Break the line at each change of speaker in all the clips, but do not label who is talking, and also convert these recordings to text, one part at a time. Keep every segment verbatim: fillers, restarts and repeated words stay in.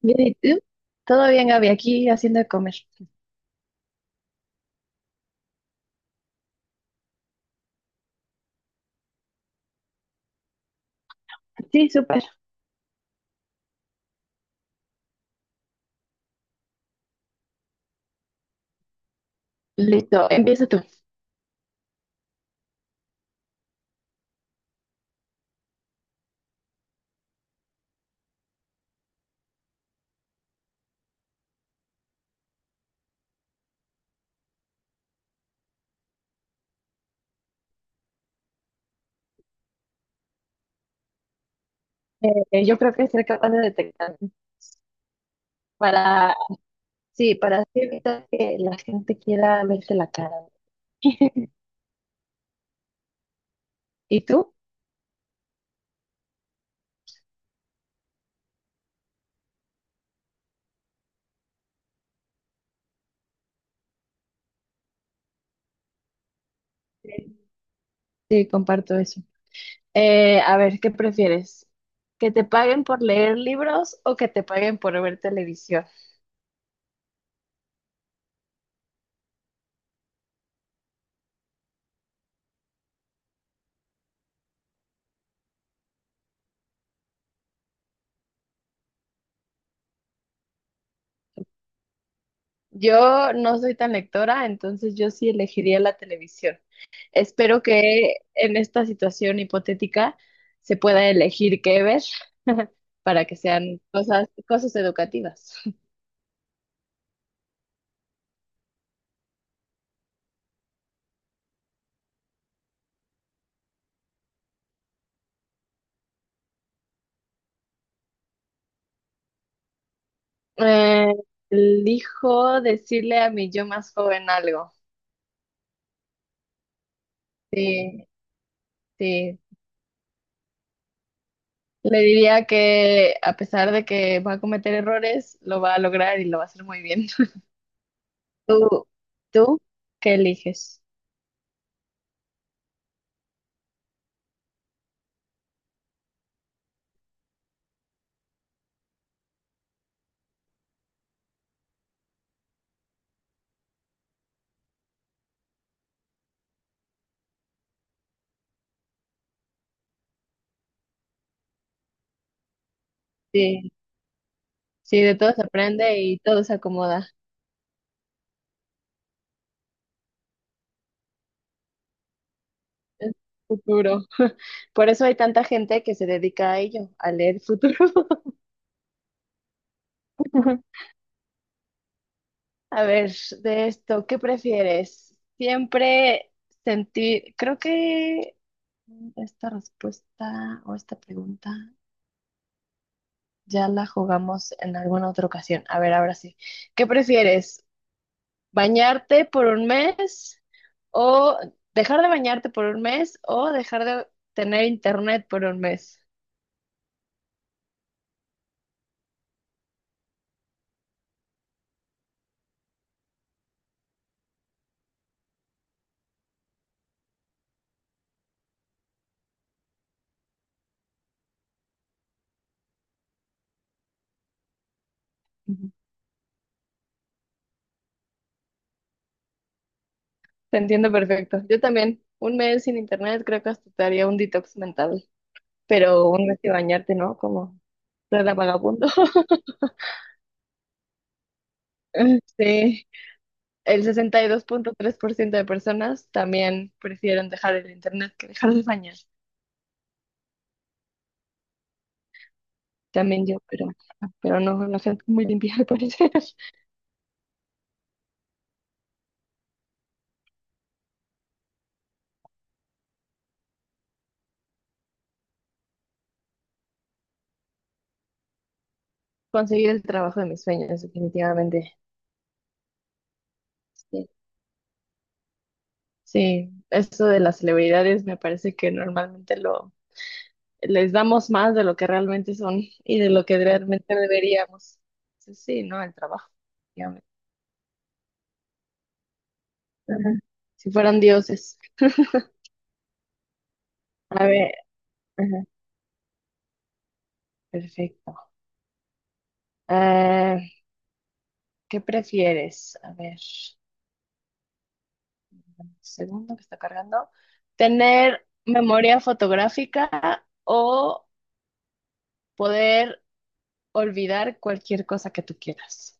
Bien, ¿y tú? Todo bien, Gaby, aquí haciendo de comer. Sí, súper. Listo, empieza tú. Eh, yo creo que ser capaz de detectar para, sí, para así evitar que la gente quiera verte la cara. ¿Y tú? Sí, Sí, comparto eso. Eh, a ver, ¿qué prefieres? ¿Que te paguen por leer libros o que te paguen por ver televisión? Yo no soy tan lectora, entonces yo sí elegiría la televisión. Espero que en esta situación hipotética se pueda elegir qué ver para que sean cosas, cosas educativas. Eh, Elijo decirle a mi yo más joven algo. Sí, sí. Le diría que a pesar de que va a cometer errores, lo va a lograr y lo va a hacer muy bien. ¿Tú, tú qué eliges? Sí, sí, de todo se aprende y todo se acomoda. el futuro. Por eso hay tanta gente que se dedica a ello, a leer futuro. A ver, de esto, ¿qué prefieres? Siempre sentir, creo que esta respuesta o esta pregunta ya la jugamos en alguna otra ocasión. A ver, ahora sí. ¿Qué prefieres? ¿Bañarte por un mes o dejar de bañarte por un mes o dejar de tener internet por un mes? Te entiendo perfecto. Yo también, un mes sin internet creo que hasta te haría un detox mental, pero un mes sin bañarte, ¿no? Como la vagabundo. Sí, el sesenta y dos punto tres por ciento de personas también prefieren dejar el internet que dejar de bañar. También yo, pero, pero no, la gente muy limpia al parecer. Conseguir el trabajo de mis sueños, definitivamente. Sí, sí, eso de las celebridades me parece que normalmente lo les damos más de lo que realmente son y de lo que realmente deberíamos. Entonces, sí, ¿no? El trabajo, digamos. Ajá. Si fueran dioses. A ver, ajá, perfecto. Ah, ¿qué prefieres? A ver, un segundo que está cargando. ¿Tener memoria fotográfica o poder olvidar cualquier cosa que tú quieras?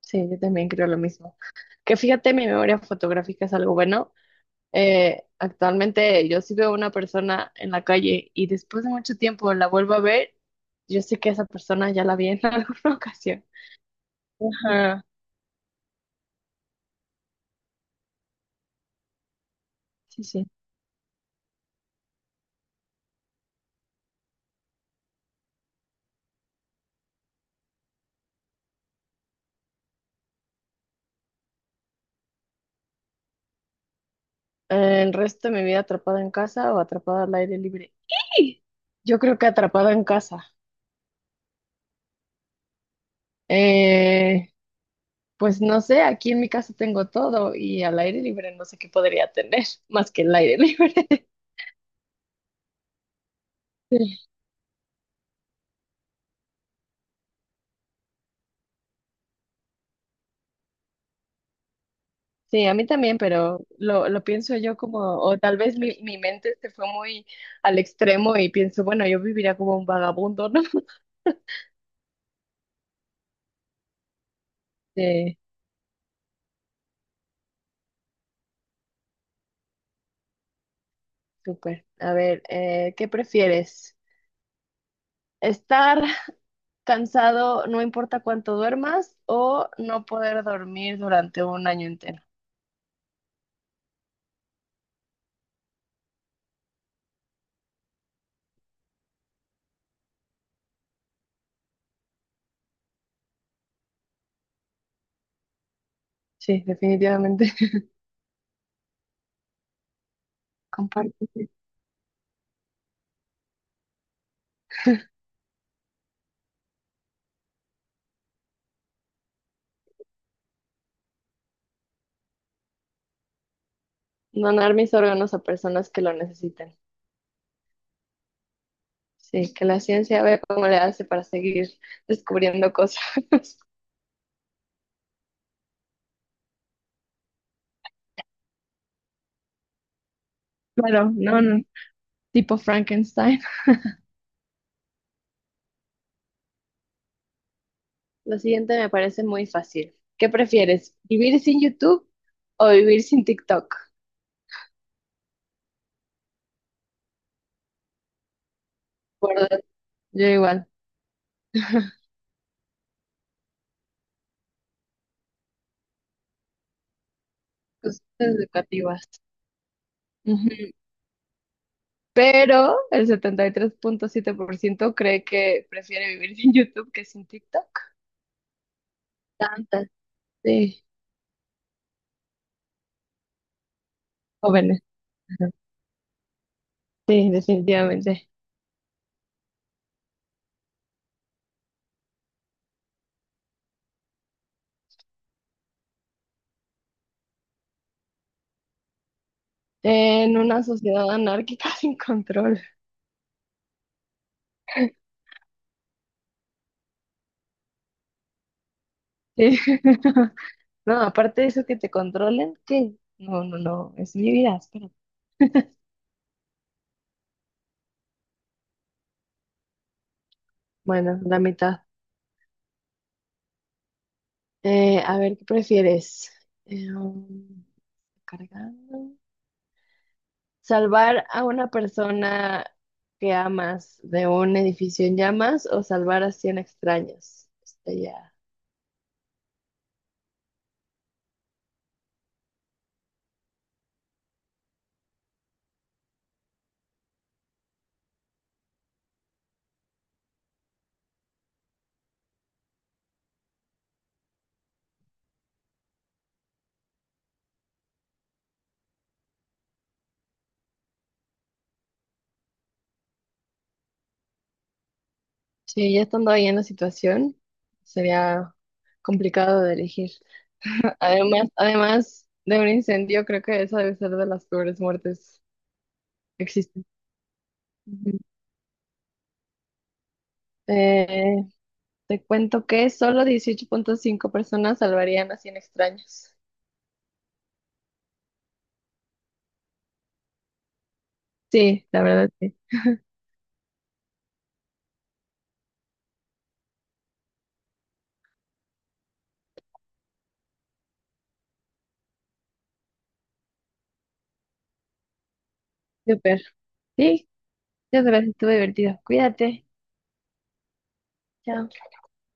Sí, yo también creo lo mismo. Que fíjate, mi memoria fotográfica es algo bueno. Eh, actualmente, yo si veo a una persona en la calle y después de mucho tiempo la vuelvo a ver, yo sé que esa persona ya la vi en alguna ocasión. Ajá, sí, sí. El resto de mi vida atrapada en casa o atrapada al aire libre. ¡Ih! Yo creo que atrapada en casa. Eh, pues no sé, aquí en mi casa tengo todo y al aire libre no sé qué podría tener más que el aire libre. Sí, a mí también, pero lo, lo pienso yo como, o tal vez mi, mi mente se fue muy al extremo y pienso, bueno, yo viviría como un vagabundo, ¿no? Sí, súper. A ver, eh, ¿qué prefieres? ¿Estar cansado no importa cuánto duermas o no poder dormir durante un año entero? Sí, definitivamente. Comparto. Sí. Donar mis órganos a personas que lo necesiten. Sí, que la ciencia vea cómo le hace para seguir descubriendo cosas. Claro, no, no. Tipo Frankenstein. Lo siguiente me parece muy fácil. ¿Qué prefieres? ¿Vivir sin YouTube o vivir sin TikTok? Por dos, yo igual, cosas educativas. Ujú. Pero el setenta y tres punto siete por ciento cree que prefiere vivir sin YouTube que sin TikTok. Tantas, sí, jóvenes. Ujú. Sí, definitivamente. En una sociedad anárquica sin control. Sí. No, aparte de eso que te controlen, ¿qué? No, no, no, es mi vida, espera. Bueno, la mitad. Eh, a ver, ¿qué prefieres? Eh, um, Cargando. ¿Salvar a una persona que amas de un edificio en llamas o salvar a cien extraños? Está ya. Sí, ya estando ahí en la situación, sería complicado de elegir. Además, además de un incendio, creo que esa debe ser de las peores muertes que existen. Ujú. Eh, Te cuento que solo dieciocho punto cinco personas salvarían a cien extraños. Sí, la verdad, sí. Súper. Sí, ya sabes, estuvo divertido. Cuídate. Chao.